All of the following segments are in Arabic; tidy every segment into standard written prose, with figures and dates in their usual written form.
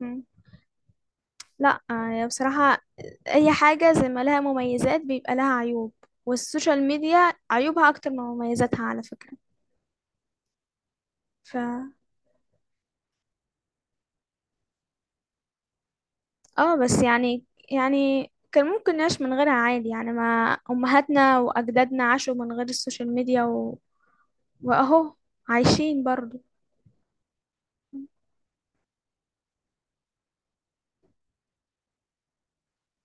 مم. لا، بصراحة، أي حاجة زي ما لها مميزات بيبقى لها عيوب. والسوشيال ميديا عيوبها أكتر من مميزاتها على فكرة. ف اه، بس، يعني كان ممكن نعيش من غيرها عادي. يعني ما امهاتنا واجدادنا عاشوا من غير السوشيال ميديا واهو عايشين برضو.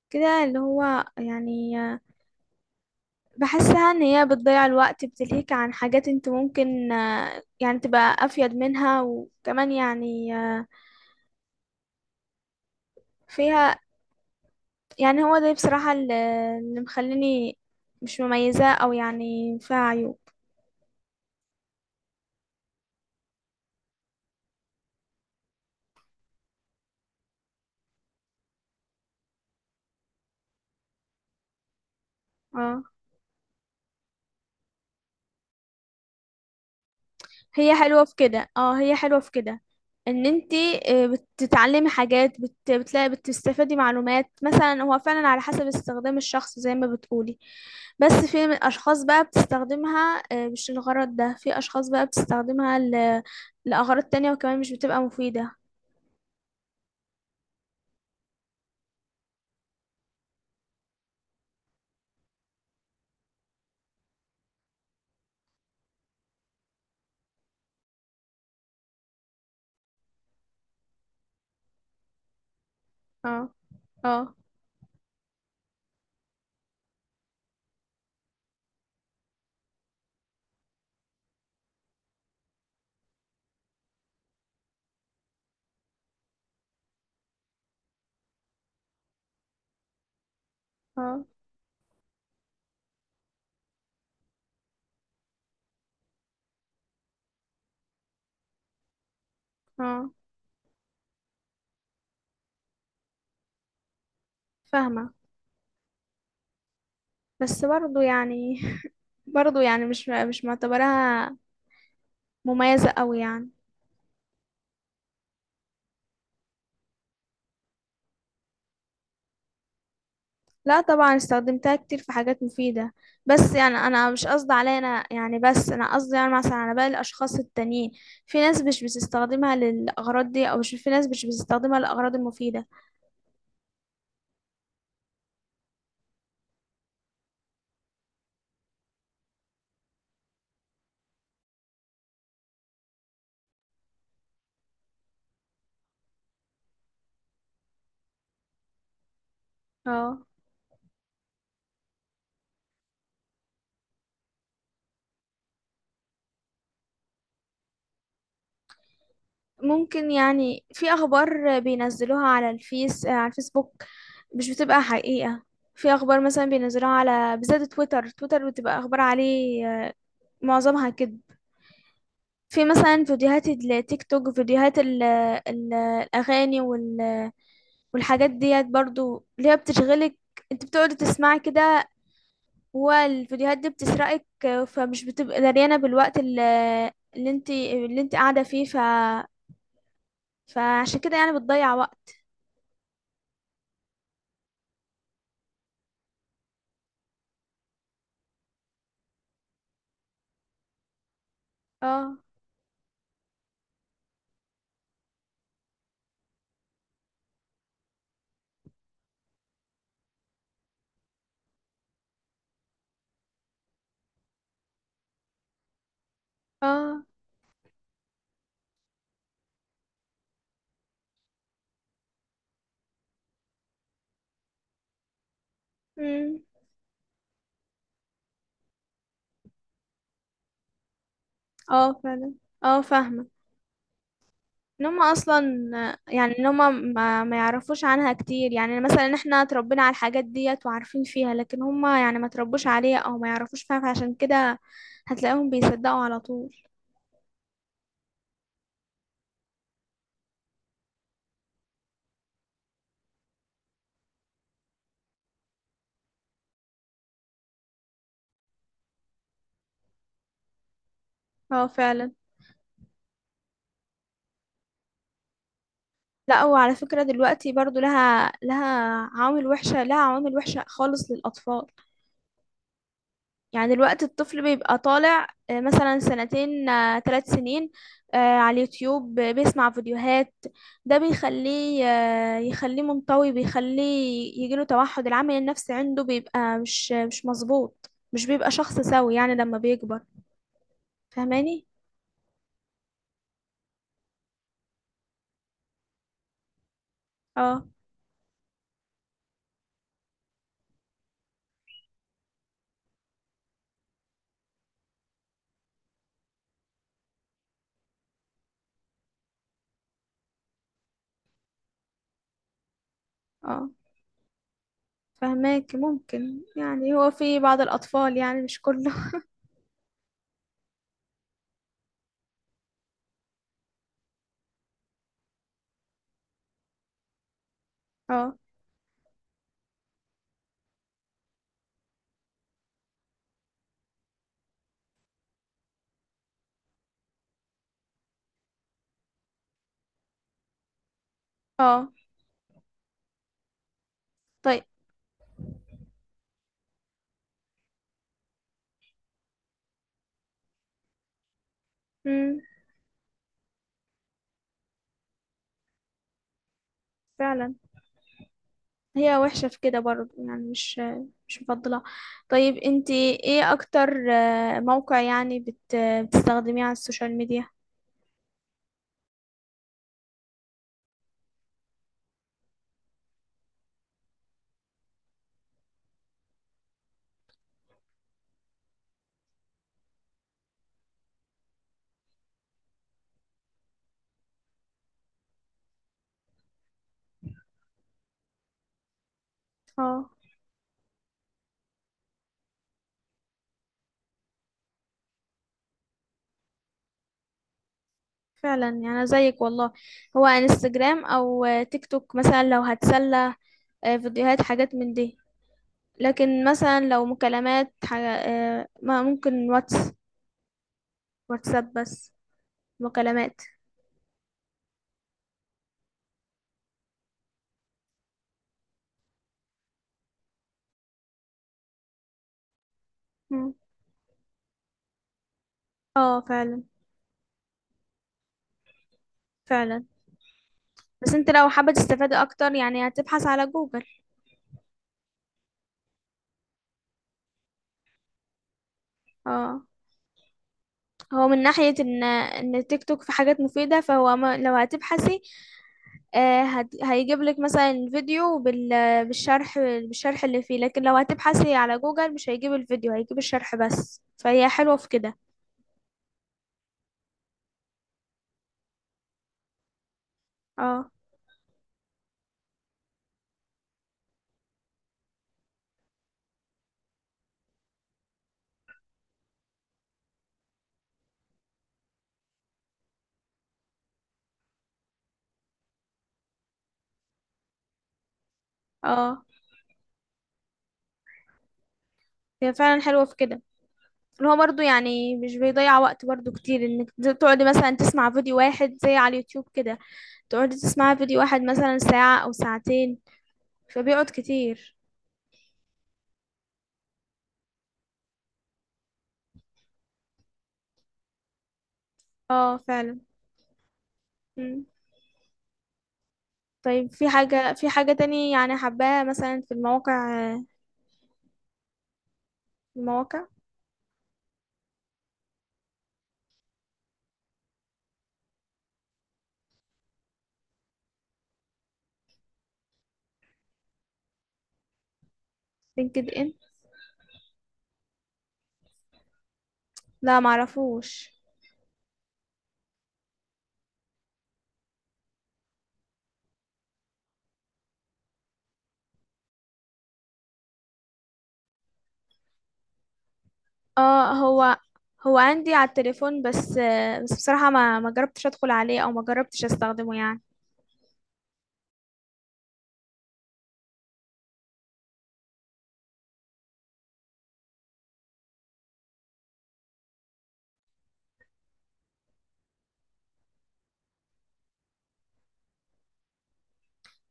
كده اللي هو يعني، بحسها ان هي بتضيع الوقت، بتلهيك عن حاجات انت ممكن، يعني تبقى افيد منها، وكمان يعني، فيها. يعني هو ده بصراحة، اللي مخليني مش مميزة، او يعني فيها عيوب. اه، هي حلوة في كده. اه، هي حلوة في كده. ان انتي، آه، بتتعلمي حاجات بتلاقي بتستفادي معلومات. مثلا هو فعلا على حسب استخدام الشخص زي ما بتقولي. بس في من اشخاص بقى بتستخدمها، مش الغرض ده. في اشخاص بقى بتستخدمها لأغراض تانية، وكمان مش بتبقى مفيدة. اه، اه، اه، اه، فاهمة. بس برضو يعني برضو يعني، مش معتبراها مميزة قوي يعني. لا، طبعا استخدمتها كتير في حاجات مفيدة. بس يعني انا مش قصدي عليا انا، يعني بس انا قصدي يعني، مثلا على باقي الاشخاص التانيين. في ناس مش بتستخدمها للاغراض دي. او مش، في ناس مش بتستخدمها للاغراض المفيدة. اه. ممكن، يعني في اخبار بينزلوها على الفيس آه، على الفيسبوك مش بتبقى حقيقة. في اخبار مثلا بينزلوها على، بالذات تويتر، تويتر بتبقى اخبار عليه، معظمها كده. في مثلا فيديوهات التيك توك، فيديوهات الاغاني والحاجات ديت برضو اللي هي بتشغلك، انت بتقعدي تسمعي كده. والفيديوهات دي بتسرقك، فمش بتبقى دريانة بالوقت اللي انت اللي انت قاعدة فيه. فعشان كده يعني بتضيع وقت. اه. اه. امم. اه، فعلا. اه، فاهمة. ان هما اصلا، يعني ان هما ما يعرفوش عنها كتير. يعني مثلا احنا اتربينا على الحاجات ديت وعارفين فيها، لكن هما يعني ما تربوش عليها او ما يعرفوش فيها، فعشان كده هتلاقيهم بيصدقوا على طول. اه، فعلا. لا، هو على فكرة دلوقتي برضو لها عوامل وحشة. لها عوامل وحشة خالص للأطفال. يعني دلوقتي الطفل بيبقى طالع، مثلا سنتين، 3 سنين، على اليوتيوب، بيسمع فيديوهات. ده بيخليه، يخليه منطوي، بيخليه يجيله توحد. العامل النفسي عنده بيبقى مش مظبوط، مش بيبقى شخص سوي يعني لما بيكبر، فاهماني؟ اه. اه، فهماك. ممكن، يعني هو في بعض الأطفال، يعني مش كله. اه. اه. طيب. امم. فعلا. هي وحشة في كده برضه، يعني مش مفضلة. طيب، انت ايه اكتر موقع يعني بتستخدميه على السوشيال ميديا؟ اه، فعلا. يعني أنا زيك والله. هو انستجرام او، تيك توك مثلا، لو هتسلى فيديوهات حاجات من دي. لكن مثلا لو مكالمات حاجة، ما ممكن واتساب بس، مكالمات. مم. اه، فعلا. فعلا، بس انت لو حابة تستفادي اكتر يعني هتبحث على جوجل. اه، هو من ناحية إن التيك توك في حاجات مفيدة، فهو ما لو هتبحثي، هيجيب لك مثلا فيديو بالشرح، بالشرح اللي فيه. لكن لو هتبحثي على جوجل مش هيجيب الفيديو، هيجيب الشرح بس. فهي حلوة في كده. اه. اه. هي فعلا حلوة في كده. اللي هو برضه، يعني مش بيضيع وقت برضه كتير، إنك تقعدي مثلا تسمع فيديو واحد زي على اليوتيوب كده. تقعدي تسمعي فيديو واحد مثلا ساعة أو ساعتين، فبيقعد كتير. اه، فعلا. طيب، في حاجة، تاني يعني حباها مثلا في المواقع. المواقع. لينكد ان؟ لا، معرفوش. اه، هو عندي على التليفون بس. بس بصراحة ما جربتش ادخل عليه او ما جربتش استخدمه يعني.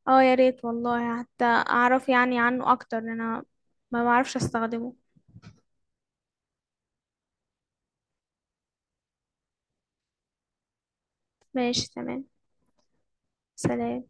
اه، يا ريت والله حتى اعرف يعني عنه اكتر، لأن انا ما بعرفش استخدمه. ماشي، تمام. سلام.